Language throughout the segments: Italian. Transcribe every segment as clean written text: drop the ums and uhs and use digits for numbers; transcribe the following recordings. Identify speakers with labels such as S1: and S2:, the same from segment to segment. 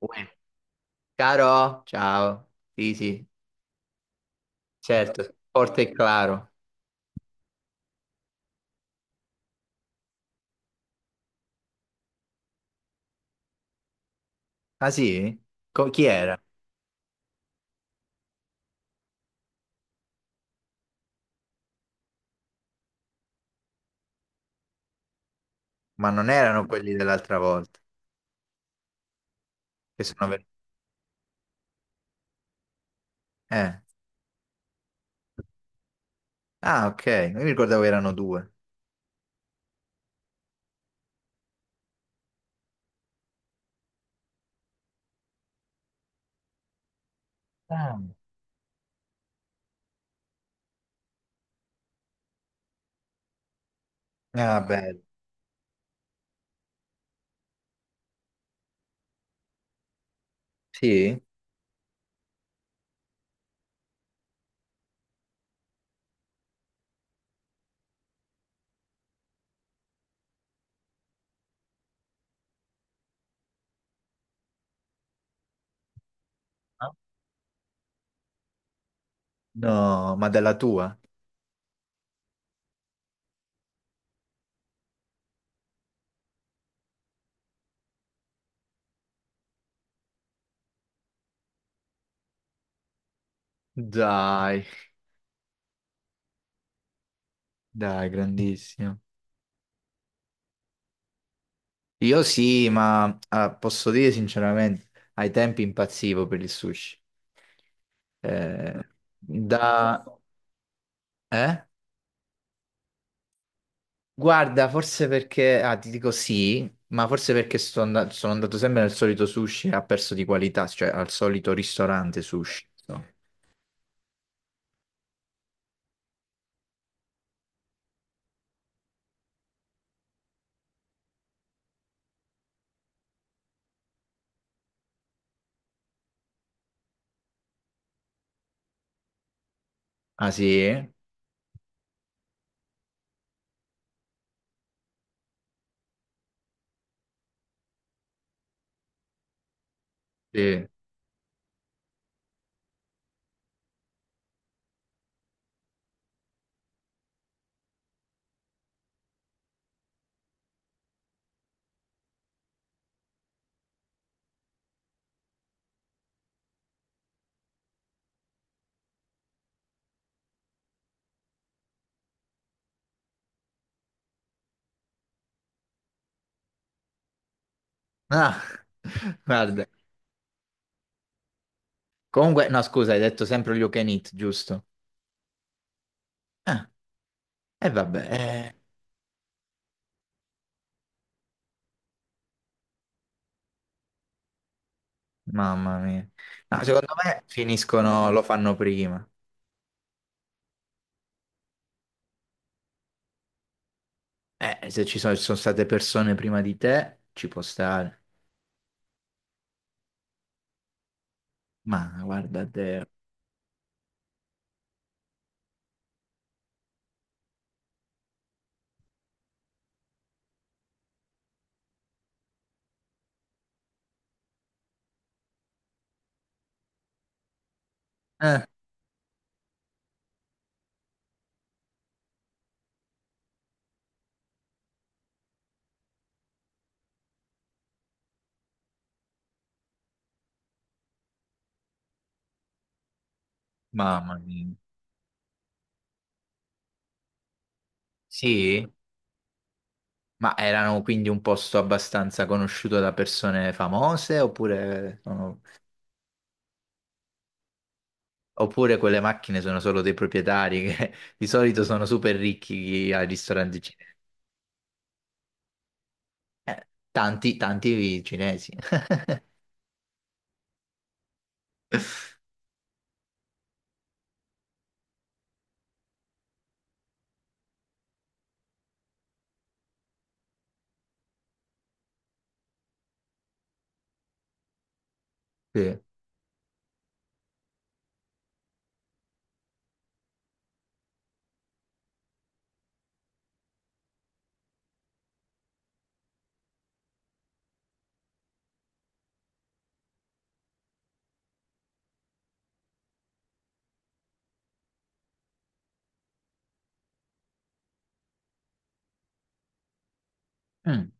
S1: Uè. Caro, ciao. Sì, sì, certo, forte e claro. Ah sì? Chi era? Ma non erano quelli dell'altra volta, che sono venuti. Eh. Ah, ok, io mi ricordavo erano due. Ah. Ah, bello. Sì? Ah. No, ma della tua? Dai, dai, grandissimo. Io sì, ma posso dire sinceramente, ai tempi impazzivo per il sushi. Eh, da... Eh? Guarda, forse perché, ti dico sì, ma forse perché sono andato sempre nel solito sushi e ha perso di qualità, cioè al solito ristorante sushi. So. Ah sì? Sì. Ah, guarda. Comunque, no, scusa, hai detto sempre all you can eat, giusto? Ah, e vabbè, mamma mia. No, secondo me finiscono, lo fanno prima. Se ci sono state persone prima di te, ci può stare. Ma guarda te. Eh, mamma mia. Sì? Ma erano quindi un posto abbastanza conosciuto da persone famose oppure, oppure quelle macchine sono solo dei proprietari che di solito sono super ricchi ai ristoranti cinesi? Tanti, tanti cinesi. Sì. Mm.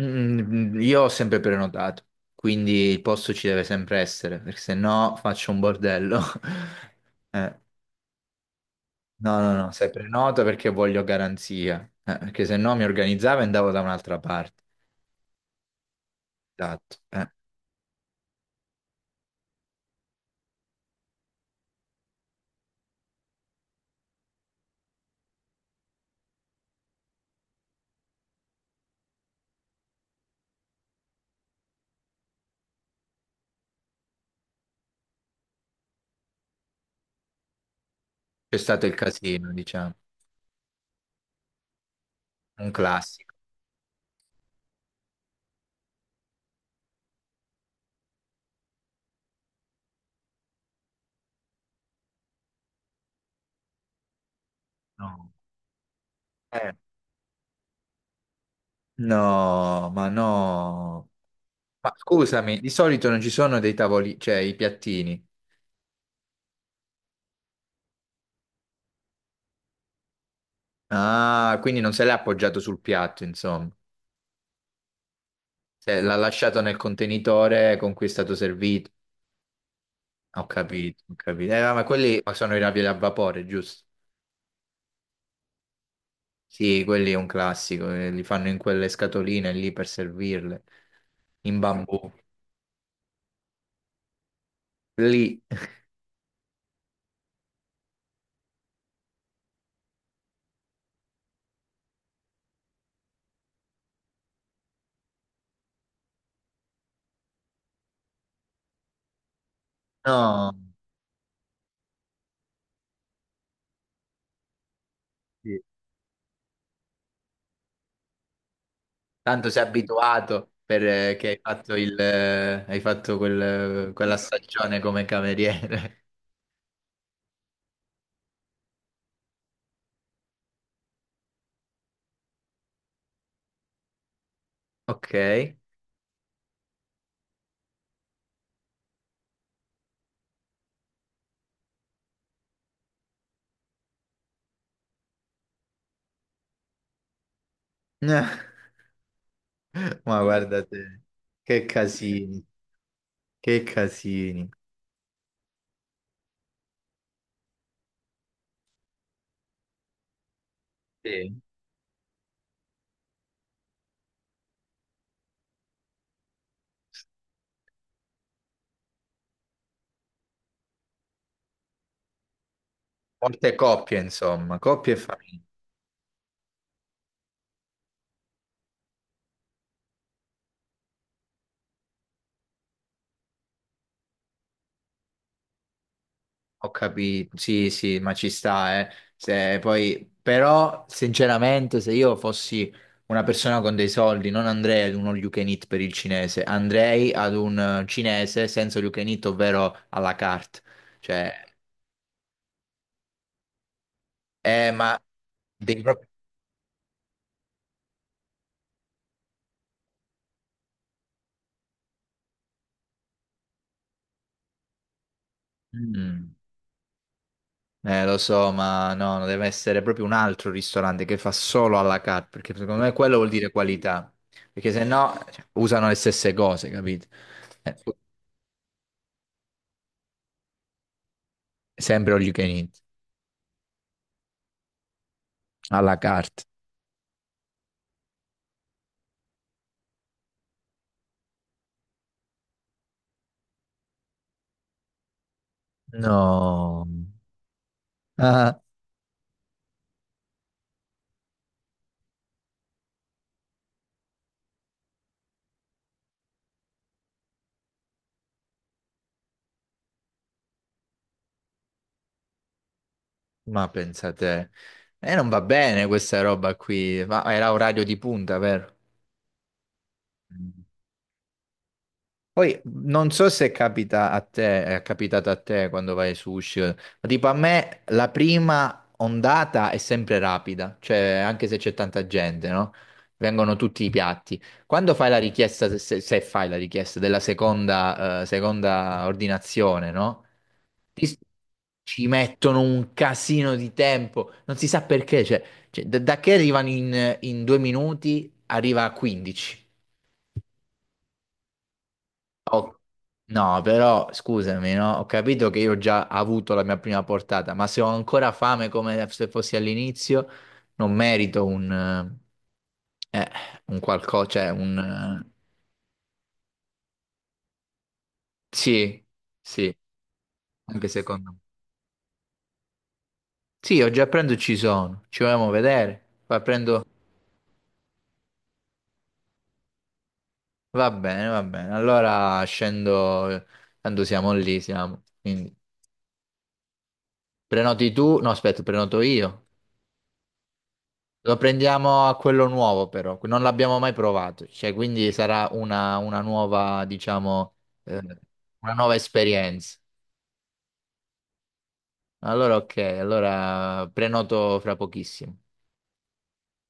S1: Mm, mm, io ho sempre prenotato, quindi il posto ci deve sempre essere, perché se no faccio un bordello. Eh, no, no, no, se prenoto perché voglio garanzia, perché se no mi organizzavo e andavo da un'altra parte. Esatto. Eh. C'è stato il casino, diciamo, un classico. No. Eh, no, ma no. Ma scusami, di solito non ci sono dei tavoli, cioè i piattini. Ah, quindi non se l'è appoggiato sul piatto, insomma. Se l'ha lasciato nel contenitore con cui è stato servito. Ho capito, ho capito. No, ma quelli sono i ravioli a vapore, giusto? Sì, quelli è un classico, li fanno in quelle scatoline lì per servirle, in bambù. Lì. No. Sì. Tanto sei abituato perché hai fatto hai fatto quella stagione come cameriere. Ok. Ma guarda te, che casini, che casini. Sì. Molte coppie, insomma, coppie e famiglie. Ho capito, sì, sì, ma ci sta, eh. Se poi, però, sinceramente, se io fossi una persona con dei soldi, non andrei ad un all you can eat per il cinese, andrei ad un cinese senza all you can eat, ovvero alla carte. Cioè, ma devi proprio... Mm. Lo so, ma no, no, deve essere proprio un altro ristorante che fa solo alla carte, perché secondo me quello vuol dire qualità, perché se no, cioè, usano le stesse cose, capito? Eh, sempre all you can eat. Alla carta. No, ah, ma pensate, e non va bene questa roba qui, ma era orario di punta, vero? Poi non so se capita a te, è capitato a te quando vai su sushi, ma tipo a me la prima ondata è sempre rapida, cioè anche se c'è tanta gente, no? Vengono tutti i piatti. Quando fai la richiesta, se fai la richiesta della seconda, seconda ordinazione, no? Ti- Ci mettono un casino di tempo, non si sa perché, cioè, cioè, da che arrivano in due minuti arriva a 15. Oh, no, però scusami, no? Ho capito che io ho già avuto la mia prima portata, ma se ho ancora fame come se fossi all'inizio, non merito eh, un qualcosa, cioè un... Eh, sì, sì, anche secondo me. Sì, oggi a pranzo ci sono, ci vogliamo vedere. Poi prendo... Va bene, va bene. Allora scendo, tanto siamo lì, siamo. Quindi prenoti tu, no, aspetta, prenoto io. Lo prendiamo a quello nuovo però, non l'abbiamo mai provato, cioè quindi sarà una nuova, diciamo, eh, una nuova esperienza. Allora ok, allora prenoto fra pochissimo.